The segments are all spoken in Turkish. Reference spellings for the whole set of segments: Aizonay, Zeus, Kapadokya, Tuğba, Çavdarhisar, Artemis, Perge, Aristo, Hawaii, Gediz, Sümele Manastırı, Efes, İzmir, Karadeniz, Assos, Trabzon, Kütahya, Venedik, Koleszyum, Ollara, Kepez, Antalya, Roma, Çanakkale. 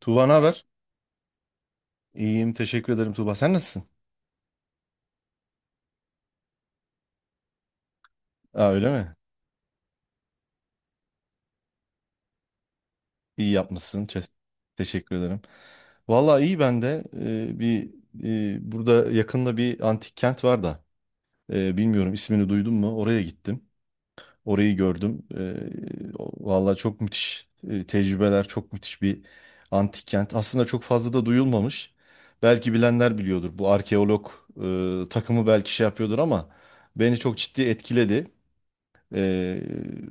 Tuğba ne haber? İyiyim, teşekkür ederim Tuğba. Sen nasılsın? Aa, öyle mi? İyi yapmışsın. Teşekkür ederim. Vallahi iyi, ben de burada yakında bir antik kent var da. Bilmiyorum, ismini duydun mu? Oraya gittim. Orayı gördüm. Vallahi çok müthiş tecrübeler, çok müthiş bir antik kent. Aslında çok fazla da duyulmamış. Belki bilenler biliyordur. Bu arkeolog takımı belki şey yapıyordur ama beni çok ciddi etkiledi. Ee,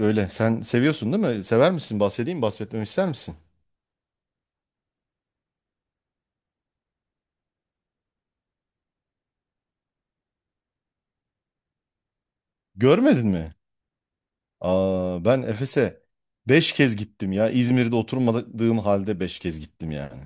Öyle. Sen seviyorsun, değil mi? Sever misin? Bahsedeyim, bahsetmemi ister misin? Görmedin mi? Aa, ben Efes'e 5 kez gittim ya. İzmir'de oturmadığım halde 5 kez gittim yani.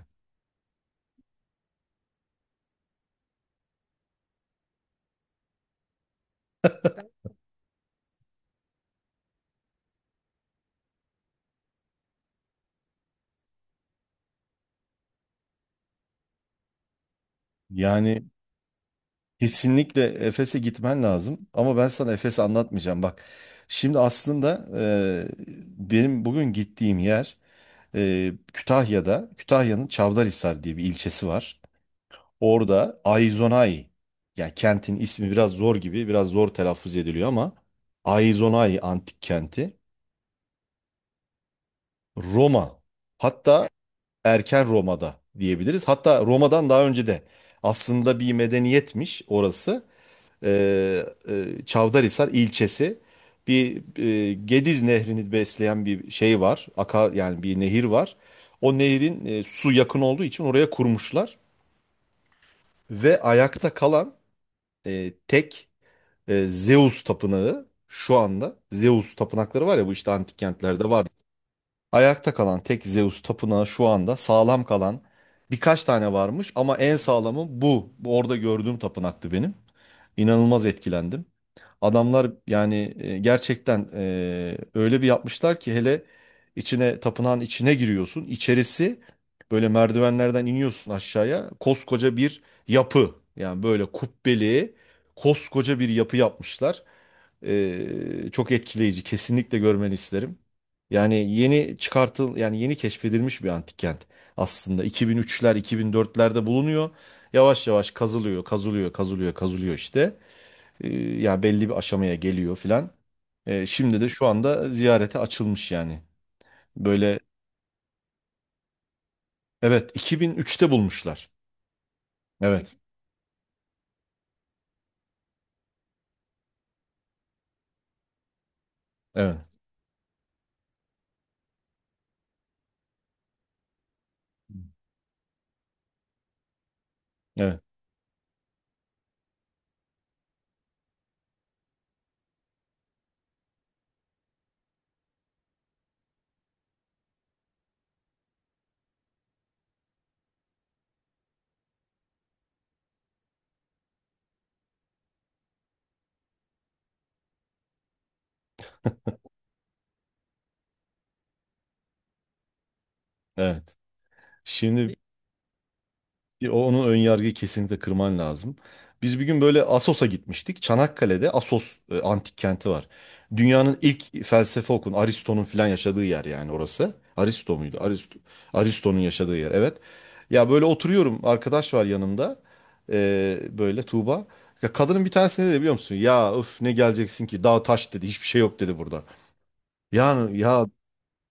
Yani kesinlikle Efes'e gitmen lazım. Ama ben sana Efes'i anlatmayacağım. Bak, şimdi aslında e, benim bugün gittiğim yer Kütahya'da. Kütahya'nın Çavdarhisar diye bir ilçesi var. Orada Aizonay, yani kentin ismi biraz zor gibi, biraz zor telaffuz ediliyor ama Aizonay antik kenti Roma, hatta erken Roma'da diyebiliriz. Hatta Roma'dan daha önce de aslında bir medeniyetmiş orası. Çavdarhisar ilçesi, bir Gediz nehrini besleyen bir şey var. Akar, yani bir nehir var. O nehrin su yakın olduğu için oraya kurmuşlar ve ayakta kalan tek Zeus tapınağı şu anda, Zeus tapınakları var ya, bu işte antik kentlerde vardı. Ayakta kalan tek Zeus tapınağı şu anda sağlam kalan birkaç tane varmış ama en sağlamı bu. Bu, orada gördüğüm tapınaktı benim. İnanılmaz etkilendim. Adamlar, yani gerçekten öyle bir yapmışlar ki, hele tapınağın içine giriyorsun. İçerisi böyle, merdivenlerden iniyorsun aşağıya. Koskoca bir yapı. Yani böyle kubbeli koskoca bir yapı yapmışlar. E, Çok etkileyici. Kesinlikle görmeni isterim. Yani yeni çıkartıl yani yeni keşfedilmiş bir antik kent aslında. 2003'ler 2004'lerde bulunuyor. Yavaş yavaş kazılıyor, kazılıyor, kazılıyor, kazılıyor işte. Ya, belli bir aşamaya geliyor filan. Şimdi de şu anda ziyarete açılmış yani. Böyle evet, 2003'te bulmuşlar. Evet. Evet. Evet. Evet. Şimdi onun ön yargıyı kesinlikle kırman lazım. Biz bir gün böyle Assos'a gitmiştik. Çanakkale'de Assos antik kenti var. Dünyanın ilk felsefe okun Aristo'nun filan yaşadığı yer, yani orası. Aristo muydu? Aristo'nun yaşadığı yer, evet. Ya böyle oturuyorum, arkadaş var yanımda. Böyle Tuğba. Ya, kadının bir tanesi ne dedi biliyor musun? Ya, öf, ne geleceksin ki, dağ taş dedi, hiçbir şey yok dedi burada. Yani ya,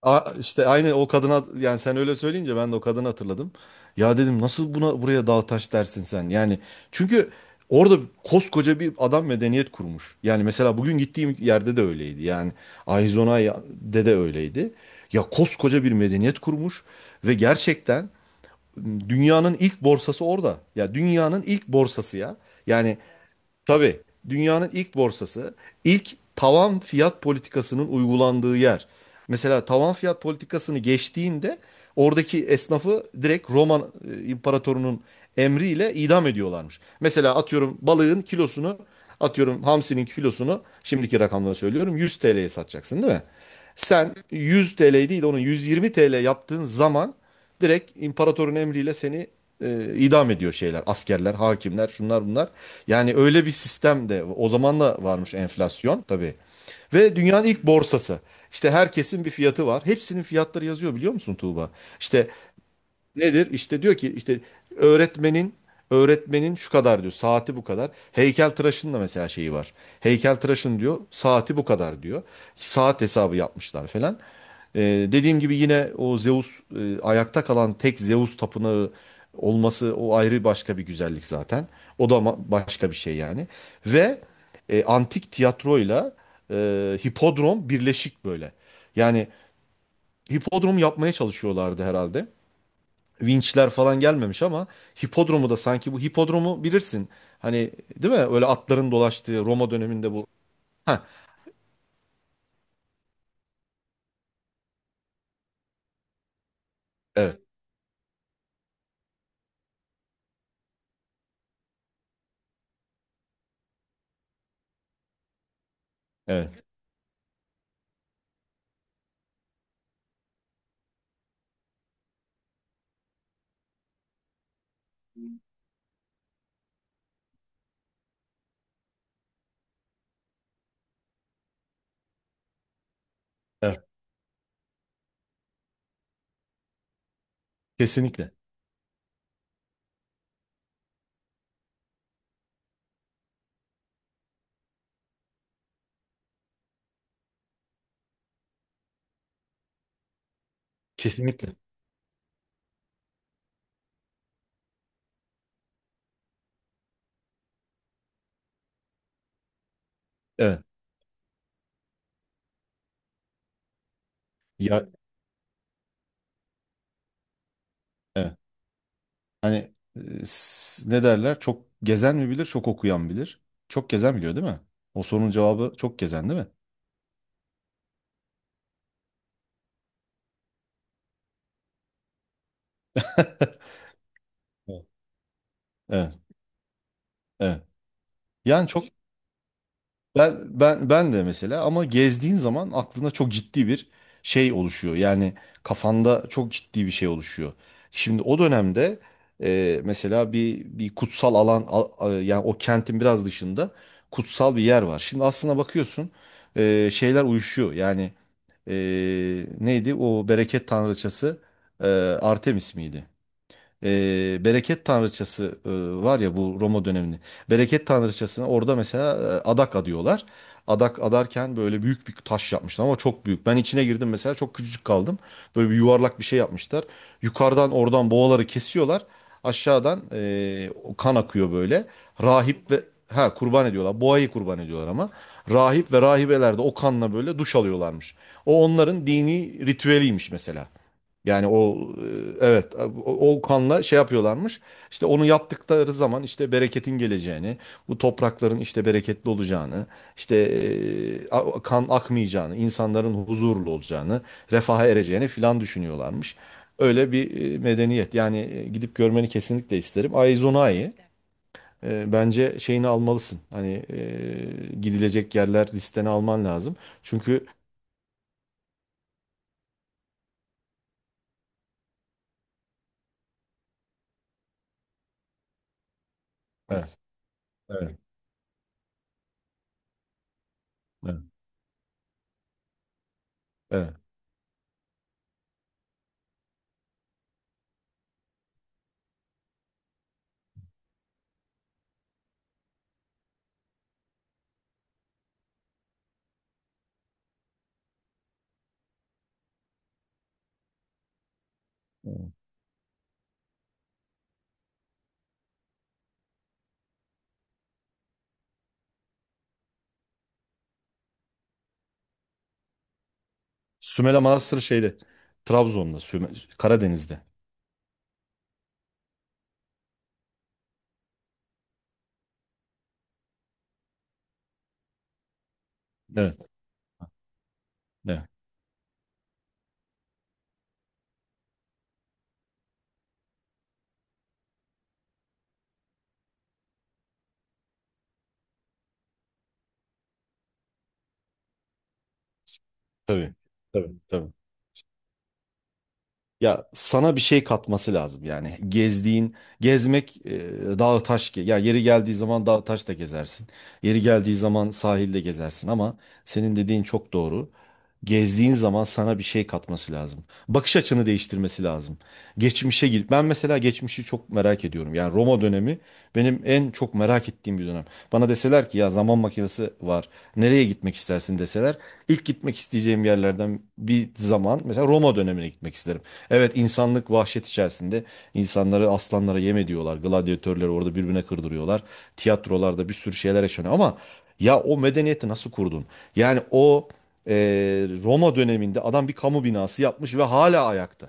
İşte aynı o kadına, yani sen öyle söyleyince ben de o kadını hatırladım. Ya, dedim, nasıl buraya dağ taş dersin sen? Yani çünkü orada koskoca bir adam medeniyet kurmuş. Yani mesela bugün gittiğim yerde de öyleydi. Yani Arizona'da de öyleydi. Ya, koskoca bir medeniyet kurmuş ve gerçekten dünyanın ilk borsası orada. Ya, dünyanın ilk borsası ya. Yani, tabii. Dünyanın ilk borsası, ilk tavan fiyat politikasının uygulandığı yer. Mesela tavan fiyat politikasını geçtiğinde, oradaki esnafı direkt Roma imparatorunun emriyle idam ediyorlarmış. Mesela atıyorum balığın kilosunu, atıyorum hamsinin kilosunu, şimdiki rakamları söylüyorum, 100 TL'ye satacaksın değil mi? Sen 100 TL değil de onu 120 TL yaptığın zaman, direkt imparatorun emriyle seni idam ediyor, şeyler. Askerler, hakimler, şunlar bunlar. Yani öyle bir sistem de o zaman da varmış, enflasyon tabii. Ve dünyanın ilk borsası. İşte herkesin bir fiyatı var. Hepsinin fiyatları yazıyor, biliyor musun Tuğba? İşte. Nedir? İşte diyor ki, işte öğretmenin öğretmenin şu kadar diyor. Saati bu kadar. Heykeltıraşın da mesela şeyi var. Heykeltıraşın, diyor, saati bu kadar diyor. Saat hesabı yapmışlar falan. Ee, Dediğim gibi, yine o Zeus, ayakta kalan tek Zeus tapınağı olması o ayrı başka bir güzellik zaten. O da başka bir şey yani. Ve antik tiyatroyla e, hipodrom birleşik böyle. Yani hipodrom yapmaya çalışıyorlardı herhalde, vinçler falan gelmemiş ama hipodromu da, sanki bu hipodromu bilirsin. Hani, değil mi? Öyle atların dolaştığı Roma döneminde bu. Ha, evet. Evet. Evet. Kesinlikle. Kesinlikle. Evet. Ya, evet. Hani, e, ne derler? Çok gezen mi bilir, çok okuyan bilir. Çok gezen biliyor, değil mi? O sorunun cevabı çok gezen, değil mi? Evet. Evet. Evet. Yani çok Ben ben ben de mesela, ama gezdiğin zaman aklında çok ciddi bir şey oluşuyor. Yani kafanda çok ciddi bir şey oluşuyor. Şimdi o dönemde mesela bir kutsal alan, yani o kentin biraz dışında kutsal bir yer var. Şimdi aslına bakıyorsun, şeyler uyuşuyor. Yani, e, neydi o bereket tanrıçası, e, Artemis miydi? Bereket tanrıçası var ya, bu Roma dönemini. Bereket tanrıçasına orada mesela adak adıyorlar. Adak adarken böyle büyük bir taş yapmışlar, ama çok büyük. Ben içine girdim mesela, çok küçücük kaldım. Böyle bir yuvarlak bir şey yapmışlar. Yukarıdan oradan boğaları kesiyorlar. Aşağıdan o kan akıyor böyle. Rahip ve, ha, kurban ediyorlar. Boğayı kurban ediyorlar ama. Rahip ve rahibeler de o kanla böyle duş alıyorlarmış. O, onların dini ritüeliymiş mesela. Yani o, evet, o kanla şey yapıyorlarmış. İşte onu yaptıkları zaman, işte bereketin geleceğini, bu toprakların işte bereketli olacağını, işte kan akmayacağını, insanların huzurlu olacağını, refaha ereceğini filan düşünüyorlarmış. Öyle bir medeniyet. Yani gidip görmeni kesinlikle isterim. Aizona'yı, bence şeyini almalısın. Hani, gidilecek yerler listene alman lazım. Çünkü evet, evet, evet. Evet. Sümele Manastırı şeyde. Trabzon'da. Karadeniz'de. Evet. Evet. Tabii. Tabii. Tabii. Ya, sana bir şey katması lazım, yani gezdiğin, gezmek e, dağ taş, ya yeri geldiği zaman dağ taş da gezersin. Yeri geldiği zaman sahilde gezersin, ama senin dediğin çok doğru. Gezdiğin zaman sana bir şey katması lazım. Bakış açını değiştirmesi lazım. Geçmişe git. Ben mesela geçmişi çok merak ediyorum. Yani Roma dönemi benim en çok merak ettiğim bir dönem. Bana deseler ki ya, zaman makinesi var. Nereye gitmek istersin deseler, ilk gitmek isteyeceğim yerlerden bir zaman, mesela Roma dönemine gitmek isterim. Evet, insanlık vahşet içerisinde, insanları aslanlara yem ediyorlar. Gladyatörleri orada birbirine kırdırıyorlar. Tiyatrolarda bir sürü şeyler yaşanıyor, ama ya, o medeniyeti nasıl kurdun? Yani o, e, Roma döneminde adam bir kamu binası yapmış ve hala ayakta.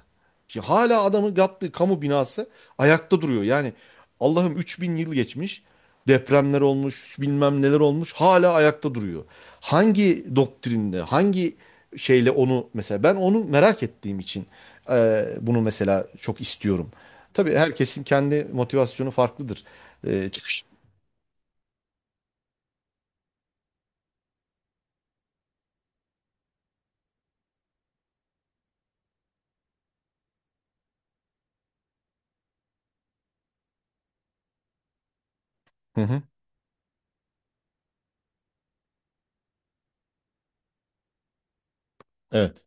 Şimdi hala adamın yaptığı kamu binası ayakta duruyor. Yani Allah'ım, 3000 yıl geçmiş. Depremler olmuş, bilmem neler olmuş. Hala ayakta duruyor. Hangi doktrinde, hangi şeyle, onu mesela ben onu merak ettiğim için, bunu mesela çok istiyorum. Tabii herkesin kendi motivasyonu farklıdır. Çıkış. Hı hı. Evet.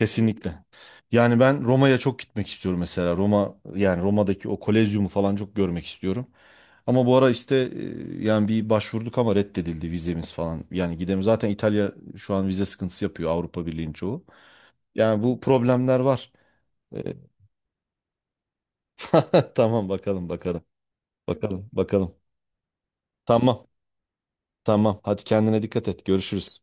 Kesinlikle. Yani ben Roma'ya çok gitmek istiyorum mesela. Roma, yani Roma'daki o Kolezyumu falan çok görmek istiyorum. Ama bu ara işte, yani bir başvurduk ama reddedildi vizemiz falan. Yani gidemiyoruz. Zaten İtalya şu an vize sıkıntısı yapıyor, Avrupa Birliği'nin çoğu. Yani bu problemler var. E, Tamam, bakalım bakalım. Bakalım bakalım. Tamam tamam. Hadi, kendine dikkat et. Görüşürüz.